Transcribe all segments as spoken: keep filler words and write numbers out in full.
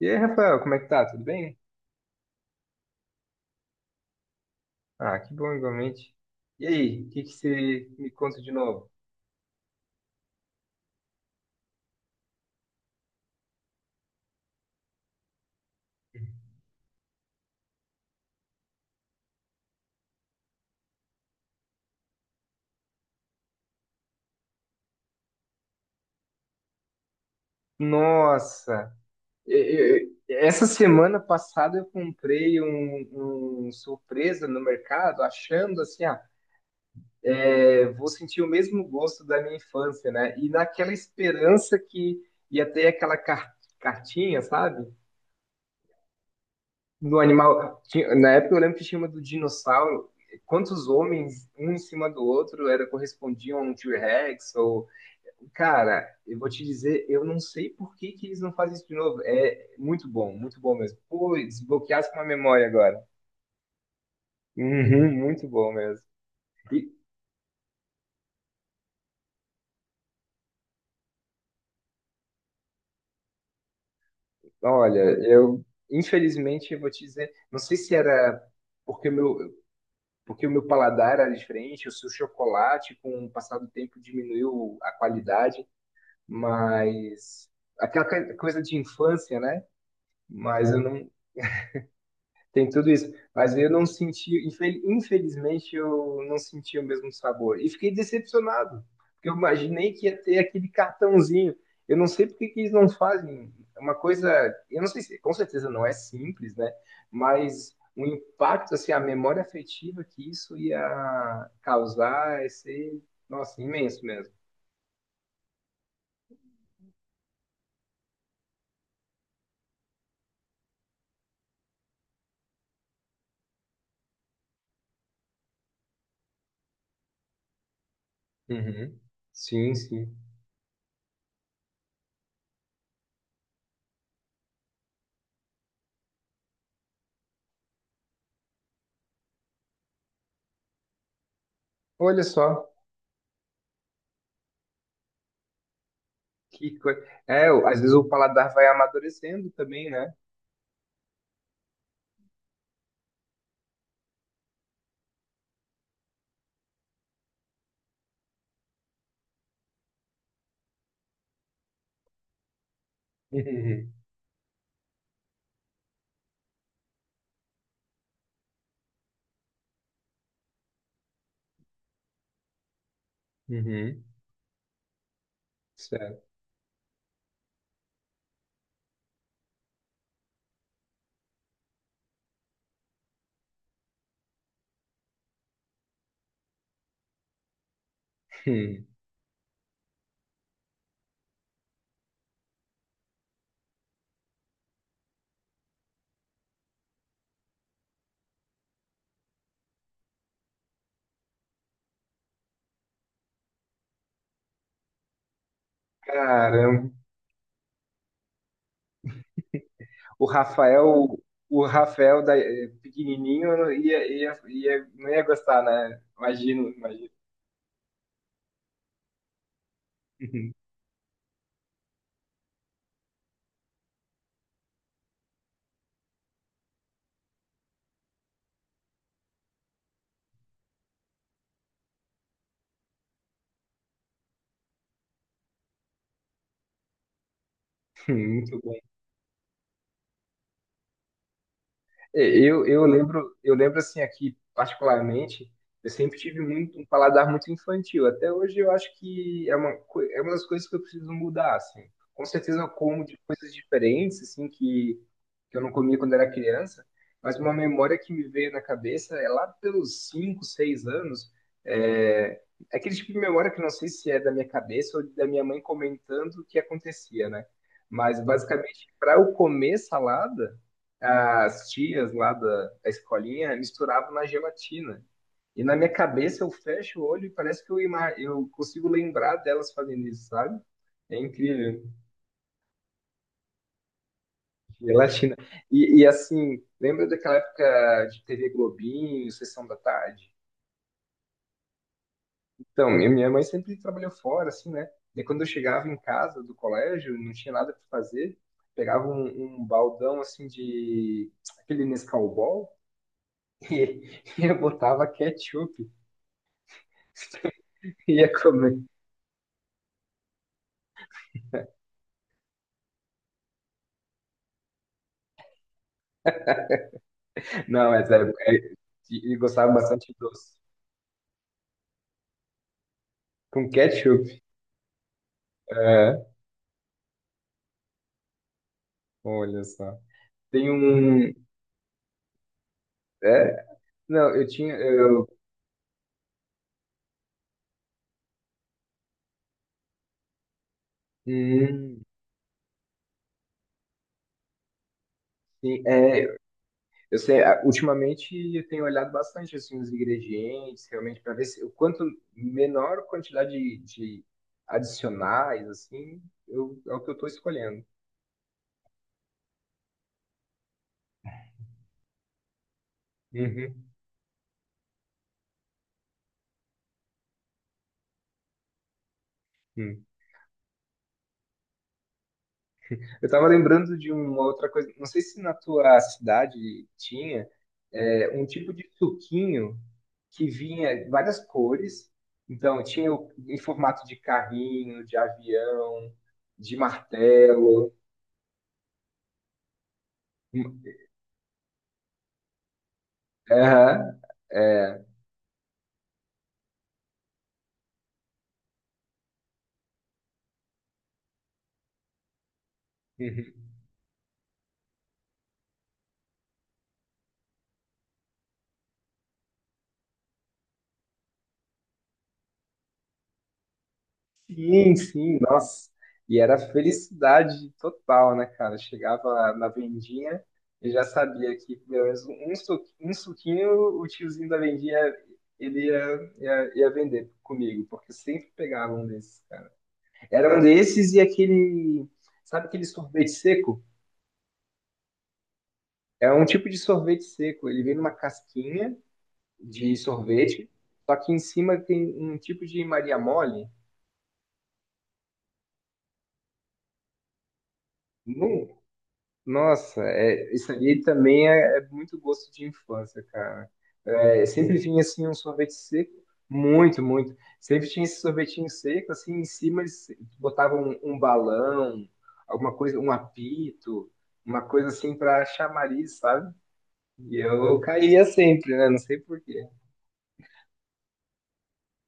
E aí, Rafael, como é que tá? Tudo bem? Ah, que bom igualmente. E aí, o que que você me conta de novo? Nossa, e- e- essa semana passada eu comprei um, um surpresa no mercado, achando assim, ah, é, vou sentir o mesmo gosto da minha infância, né? E naquela esperança que ia ter aquela car- cartinha, sabe? Do animal. Tinha- na época eu lembro que tinha uma do dinossauro. Quantos homens, um em cima do outro, era correspondiam a um T-Rex? Ou... Cara, eu vou te dizer, eu não sei por que que eles não fazem isso de novo. É muito bom, muito bom mesmo. Pô, desbloqueasse uma memória agora. Uhum, muito bom mesmo. E olha, eu infelizmente eu vou te dizer, não sei se era porque o meu, porque o meu paladar era diferente, ou se o chocolate, com o passar do tempo, diminuiu a qualidade. Mas aquela coi- coisa de infância, né? Mas eu não Tem tudo isso, mas eu não senti, infel- infelizmente eu não senti o mesmo sabor e fiquei decepcionado, porque eu imaginei que ia ter aquele cartãozinho. Eu não sei por que que eles não fazem uma coisa, eu não sei se, com certeza não é simples, né? Mas o impacto, assim, a memória afetiva que isso ia causar ia ser, nossa, imenso mesmo. Uhum. Sim, sim. Olha só. Que coisa. É, o- às vezes o paladar vai amadurecendo também, né? Uhum. Uhum. Certo. Hum. Caramba. O Rafael, o Rafael da, eh, pequenininho não ia, ia, ia, não ia gostar, né? Imagino, imagino. Uhum. Hum, muito. É, Eu, eu lembro, eu lembro assim aqui particularmente, eu sempre tive muito um paladar muito infantil. Até hoje eu acho que é uma co- é uma das coisas que eu preciso mudar, assim. Com certeza eu como de coisas diferentes, assim, que que eu não comia quando era criança, mas uma memória que me veio na cabeça é lá pelos cinco, seis anos, é é aquele tipo de memória que eu não sei se é da minha cabeça ou da minha mãe comentando o que acontecia, né? Mas basicamente, para eu comer salada as tias lá da, da escolinha misturavam na gelatina. E na minha cabeça eu fecho o olho e parece que eu, ima- eu consigo lembrar delas fazendo isso, sabe? É incrível. Gelatina. E, e assim, lembra daquela época de T V Globinho, Sessão da Tarde? Então, minha minha mãe sempre trabalhou fora, assim, né? E quando eu chegava em casa do colégio, não tinha nada para fazer, pegava um, um baldão, assim, de aquele Nescau Ball e eu botava ketchup ia comer. Não, mas é, é, e gostava bastante de doce. Com ketchup? É, olha só. Tem um. É, não, eu tinha. Eu, hum, sim, é, eu sei, ah, ultimamente eu tenho olhado bastante assim, os ingredientes, realmente, para ver se, o quanto menor quantidade de, de adicionais, assim, eu, é o que eu estou escolhendo. Uhum. Hum. Eu tava lembrando de uma outra coisa, não sei se na tua cidade tinha é, um tipo de suquinho que vinha várias cores. Então, tinha o- em formato de carrinho, de avião, de martelo. Aham, é. Uhum. Sim, sim, nossa. E era felicidade total, né, cara? Chegava na vendinha e já sabia que pelo menos um, su- um suquinho o tiozinho da vendinha ele ia, ia, ia vender comigo, porque sempre pegava um desses, cara. Era um desses e aquele, sabe aquele sorvete seco? É um tipo de sorvete seco. Ele vem numa casquinha de sorvete, só que em cima tem um tipo de Maria mole. Não. Nossa, é, isso aí também é, é muito gosto de infância, cara. É, sempre vinha assim um sorvete seco, muito, muito. Sempre tinha esse sorvetinho seco, assim, em cima eles botavam um, um balão, alguma coisa, um apito, uma coisa assim para chamariz, sabe? E eu caía sempre, né? Não sei por quê.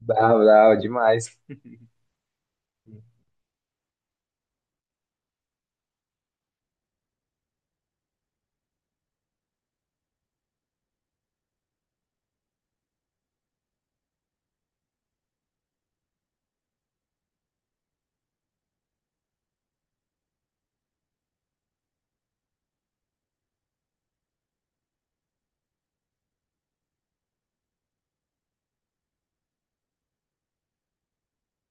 Bravo, bravo, demais.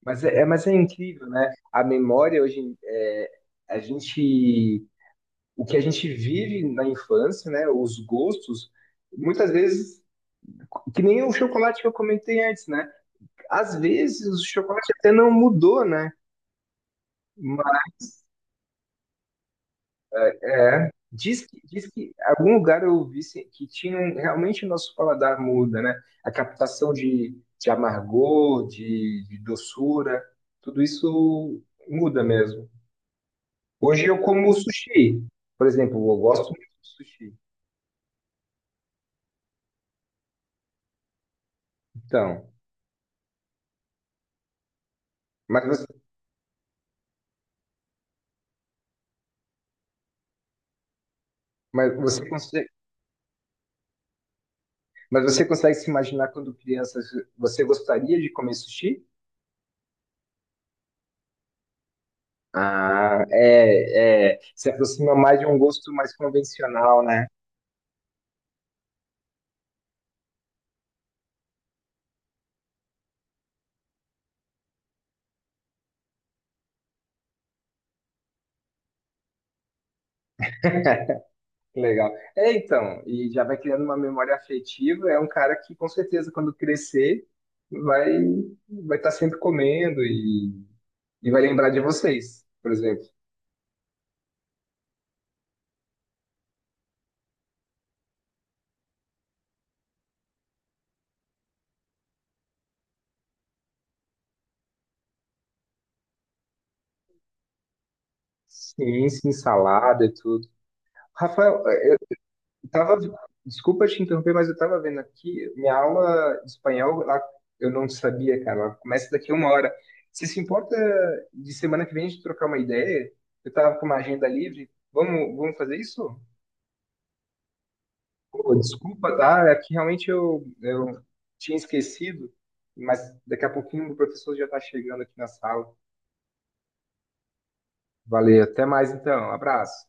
Mas é, é- mas é incrível, né? A memória hoje, em- é, a gente. O que a gente vive na infância, né? Os gostos, muitas vezes, que nem o chocolate que eu comentei antes, né? Às vezes o chocolate até não mudou, né? Mas, é, diz que, diz que em algum lugar eu vi se- que tinha um- realmente o nosso paladar muda, né? A captação de, de amargor, de, de doçura, tudo isso muda mesmo. Hoje eu como sushi, por exemplo, eu gosto muito de sushi. Então, mas você, mas você conse- mas você consegue se imaginar quando criança você gostaria de comer sushi? Ah, é, é, se aproxima mais de um gosto mais convencional, né? Legal. É, então, e já vai criando uma memória afetiva, é um cara que com certeza quando crescer vai vai estar sempre comendo e, e vai lembrar de vocês, por exemplo. Sim, sim, salada e tudo. Rafael, eu tava, desculpa te interromper, mas eu tava vendo aqui, minha aula de espanhol, lá, eu não sabia, cara, ela começa daqui a uma hora. Você se importa de semana que vem a gente trocar uma ideia? Eu tava com uma agenda livre, vamos, vamos fazer isso? Pô, desculpa, tá? É que realmente eu, eu tinha esquecido, mas daqui a pouquinho o professor já tá chegando aqui na sala. Valeu, até mais então, abraço.